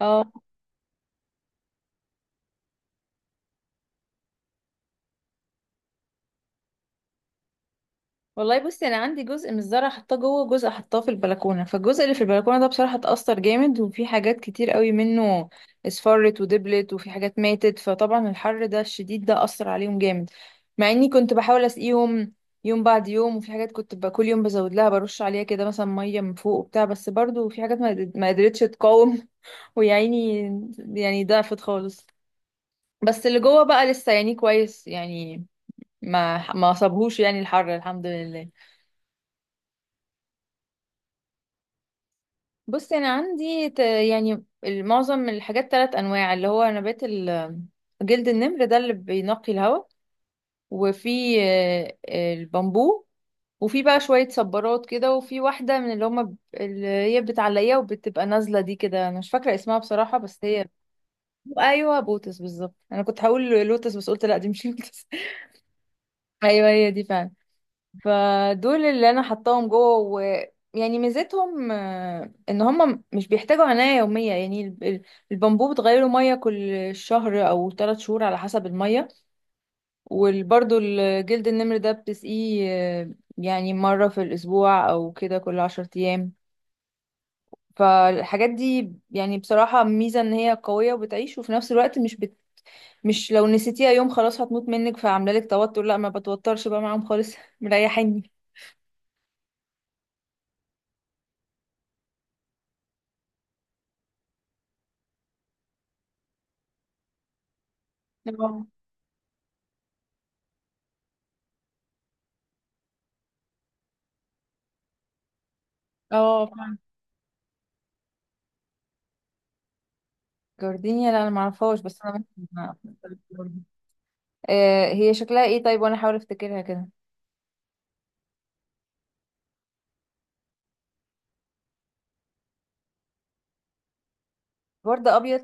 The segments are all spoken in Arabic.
اه، والله بصي، انا عندي جزء من الزرع حطاه جوه، جزء حطاه في البلكونه. فالجزء اللي في البلكونه ده بصراحه اتأثر جامد، وفي حاجات كتير قوي منه اصفرت ودبلت، وفي حاجات ماتت. فطبعا الحر ده الشديد ده أثر عليهم جامد، مع اني كنت بحاول اسقيهم يوم بعد يوم، وفي حاجات كنت بقى كل يوم بزود لها، برش عليها كده مثلا ميه من فوق وبتاع، بس برضو في حاجات ما قدرتش تقاوم. ويا عيني، يعني ضعفت خالص. بس اللي جوه بقى لسه يعني كويس، يعني ما صابهوش يعني الحر، الحمد لله. بص انا عندي يعني معظم الحاجات ثلاث انواع، اللي هو نبات جلد النمر ده اللي بينقي الهواء. وفي البامبو. وفي بقى شوية صبارات كده، وفي واحدة من اللي هما اللي هي بتعلقيها وبتبقى نازلة دي كده، انا مش فاكرة اسمها بصراحة، بس هي. ايوه، بوتس بالظبط، انا كنت هقول لوتس بس قلت لا دي مش لوتس. ايوه هي دي فعلا. فدول اللي انا حطاهم جوه، ويعني ميزتهم ان هم مش بيحتاجوا عناية يومية. يعني البامبو بتغيره مية كل شهر او ثلاث شهور على حسب المية. وبرده الجلد النمر ده بتسقيه يعني مرة في الاسبوع او كده كل عشر ايام. فالحاجات دي يعني بصراحة ميزة ان هي قوية وبتعيش، وفي نفس الوقت مش مش لو نسيتيها يوم خلاص هتموت منك فعاملة لك توتر، لا ما بتوترش بقى معاهم خالص. مريحيني. اه. اه. جوردينيا؟ لا انا معرفهاش، بس انا ممكن أعرف. آه، هي شكلها ايه طيب؟ وانا احاول افتكرها كده. ورد ابيض.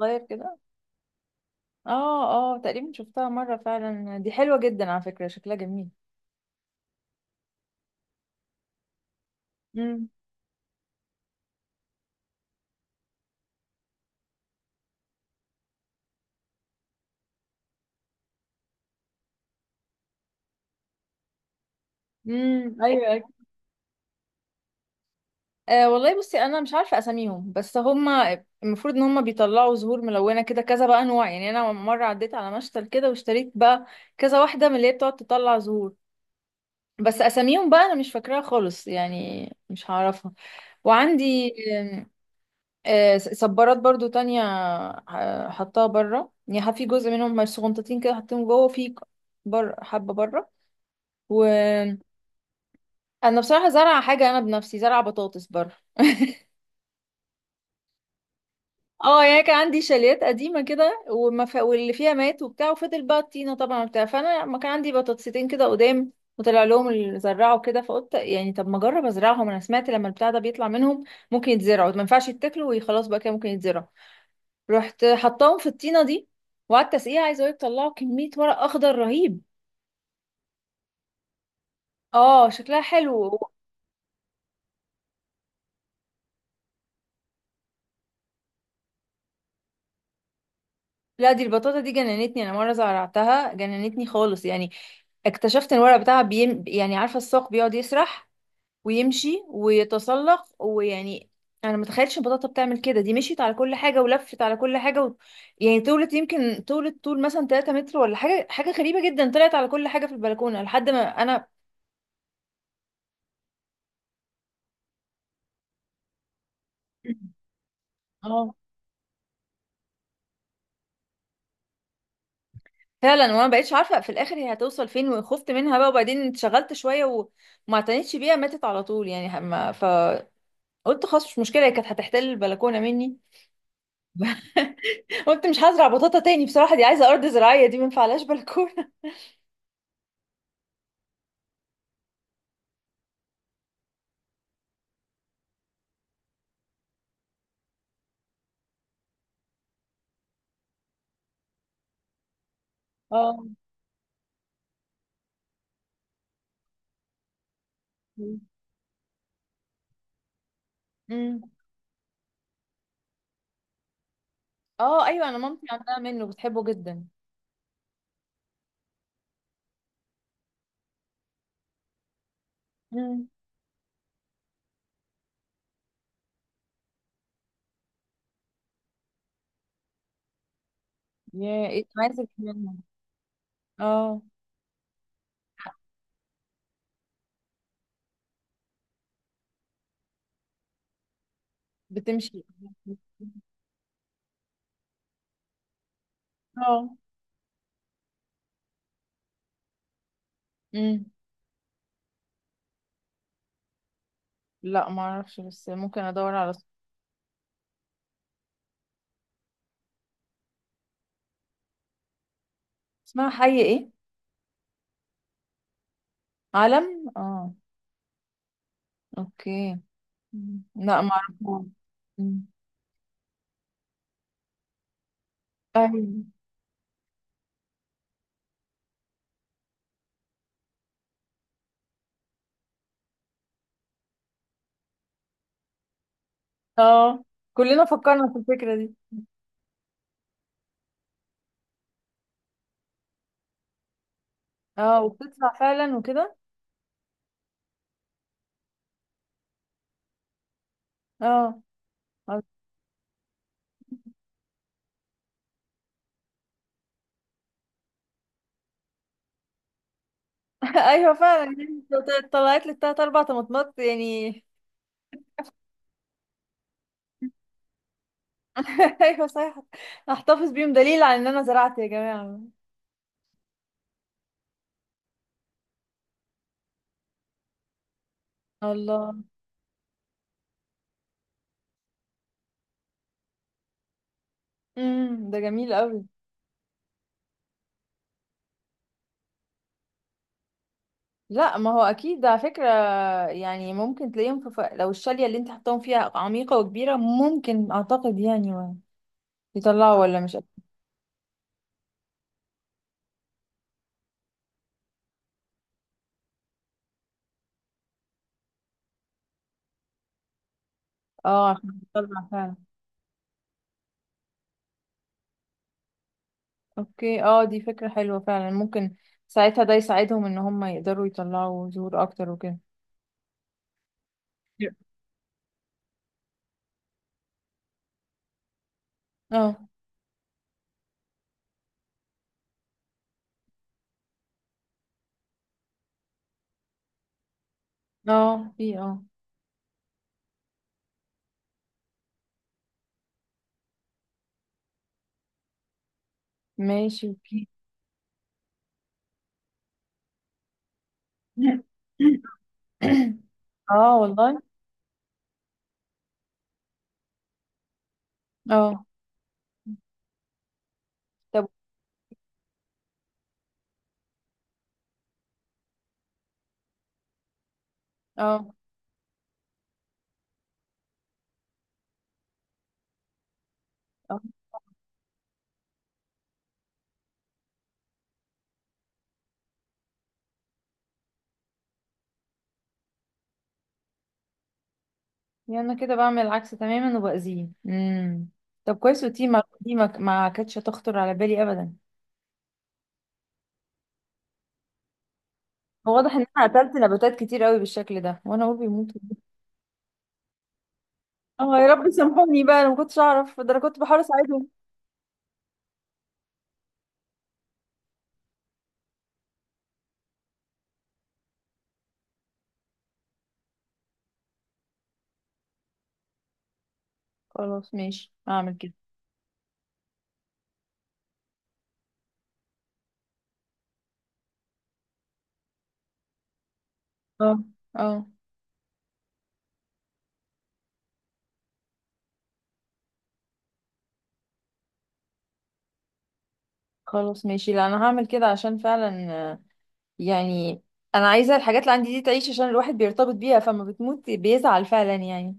صغير كده. اه. اه، تقريبا شفتها مره فعلا، دي حلوه جدا على فكره، شكلها جميل. امم. امم، ايوه، أيوة. آه، والله بصي انا مش عارفه اساميهم، بس هما المفروض ان هما بيطلعوا زهور ملونه كده كذا بقى انواع. يعني انا مره عديت على مشتل كده واشتريت بقى كذا واحده من اللي هي بتقعد تطلع زهور. بس اساميهم بقى انا مش فاكراها خالص، يعني مش هعرفها. وعندي صبارات برضو تانية، حطها بره، يعني في جزء منهم مش صغنطتين كده حطيهم جوه في. بره، حبة بره. وانا بصراحة زرع حاجة، انا بنفسي زرع بطاطس بره. اه، يعني كان عندي شاليات قديمة كده واللي فيها مات وبتاع، وفضل بقى الطينة طبعا وبتاع. فانا ما كان عندي بطاطستين كده قدام، وطلع لهم اللي زرعوا كده. فقلت يعني طب ما اجرب ازرعهم. انا سمعت لما البتاع ده بيطلع منهم ممكن يتزرعوا، ما ينفعش يتاكلوا وخلاص بقى كده ممكن يتزرعوا. رحت حطاهم في الطينه دي وقعدت اسقيها، عايزه اقولك طلعوا كميه ورق اخضر رهيب. اه، شكلها حلو. لا دي البطاطا دي جننتني، انا مره زرعتها جننتني خالص. يعني اكتشفت ان الورق بتاعها يعني عارفه الساق بيقعد يسرح ويمشي ويتسلق ويعني، انا ما تخيلتش البطاطا بتعمل كده. دي مشيت على كل حاجه ولفت على كل حاجه و... يعني طولت، يمكن طولت طول مثلا 3 متر ولا حاجه، حاجه غريبه جدا، طلعت على كل حاجه في البلكونه لحد ما انا. اه فعلا. وانا بقيتش عارفه في الاخر هي هتوصل فين، وخفت منها بقى، وبعدين اتشغلت شويه وما اعتنتش بيها، ماتت على طول يعني. ما فقلت خلاص مش مشكله، هي كانت هتحتل البلكونه مني. قلت مش هزرع بطاطا تاني بصراحه، دي عايزه ارض زراعيه، دي ما ينفعلهاش بلكونه. اه. امم. اه ايوه، انا مامتي عندها منه بتحبه جدا. امم. يا ايه ماسك منه. اه. بتمشي. اه. امم. لا ما اعرفش، بس ممكن ادور على. اسمها حي ايه؟ علم. اه. اوكي. مم. لا معرفوش. مم. ايوه. اه، كلنا فكرنا في الفكرة دي. اه، وبتطلع فعلا وكده. اه. ايوه فعلا يعني، طلعت لي التلات اربع طماطمات يعني. ايوه صحيح. احتفظ بيهم دليل على ان انا زرعت يا جماعه. الله. امم، ده جميل قوي. لا ما هو اكيد ده على فكره، يعني ممكن تلاقيهم في ف... لو الشاليه اللي انت حطاهم فيها عميقه وكبيره ممكن، اعتقد يعني يطلعوا ولا مش. اه عشان يطلع فعلا. اوكي، اه دي فكرة حلوة فعلا، ممكن ساعتها ده يساعدهم ان هم يقدروا يطلعوا زهور اكتر وكده. Yeah. اه. اه في، اه. ماشي، في. اه والله. اه. طب. اه. اه يعني انا كده بعمل العكس تماما وبأذيه. امم، طب كويس، وتي ما دي ما كانتش هتخطر على بالي ابدا. هو واضح ان انا قتلت نباتات كتير قوي بالشكل ده، وانا اقول بيموتوا. اه يا رب سامحوني بقى، انا ما كنتش اعرف ده، انا كنت بحاول اساعدهم. خلاص ماشي هعمل كده. اه. اه. خلاص ماشي، لا انا هعمل كده عشان فعلا آه، يعني انا عايزه الحاجات اللي عندي دي تعيش، عشان الواحد بيرتبط بيها فما بتموت بيزعل فعلا يعني.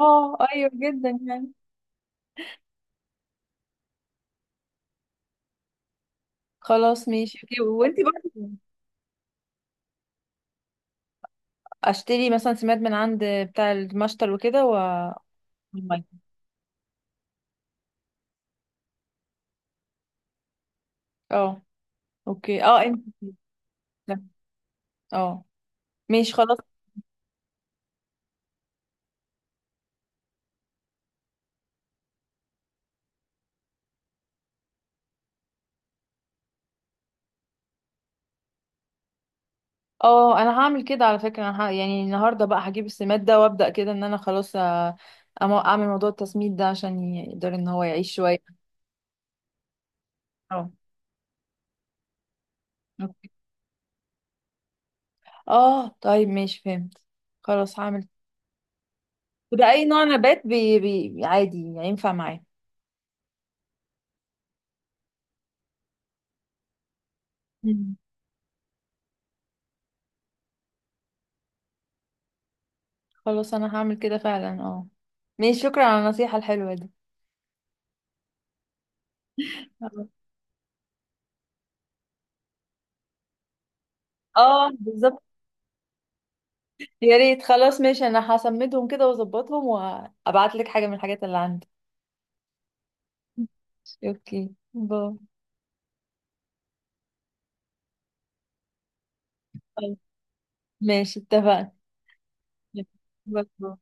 اه ايوه جدا يعني. خلاص ماشي اوكي. وانتي برضه اشتري مثلا سماد من عند بتاع المشتل وكده و والمية. اه اوكي اه انت. اه ماشي خلاص. اه انا هعمل كده على فكره، انا يعني النهارده بقى هجيب السماد ده، وابدا كده ان انا خلاص اعمل موضوع التسميد ده عشان يقدر ان هو يعيش شويه. اه. اوكي، اه طيب ماشي فهمت. خلاص هعمل. وده اي نوع نبات عادي ينفع معاه؟ مم. خلاص انا هعمل كده فعلا اه. ماشي، شكرا على النصيحه الحلوه دي. خلاص. اه بالظبط. يا ريت، خلاص ماشي، انا هسمدهم كده واظبطهم وابعت لك حاجه من الحاجات اللي عندي. اوكي باي. طيب، ماشي اتفقنا. بالظبط.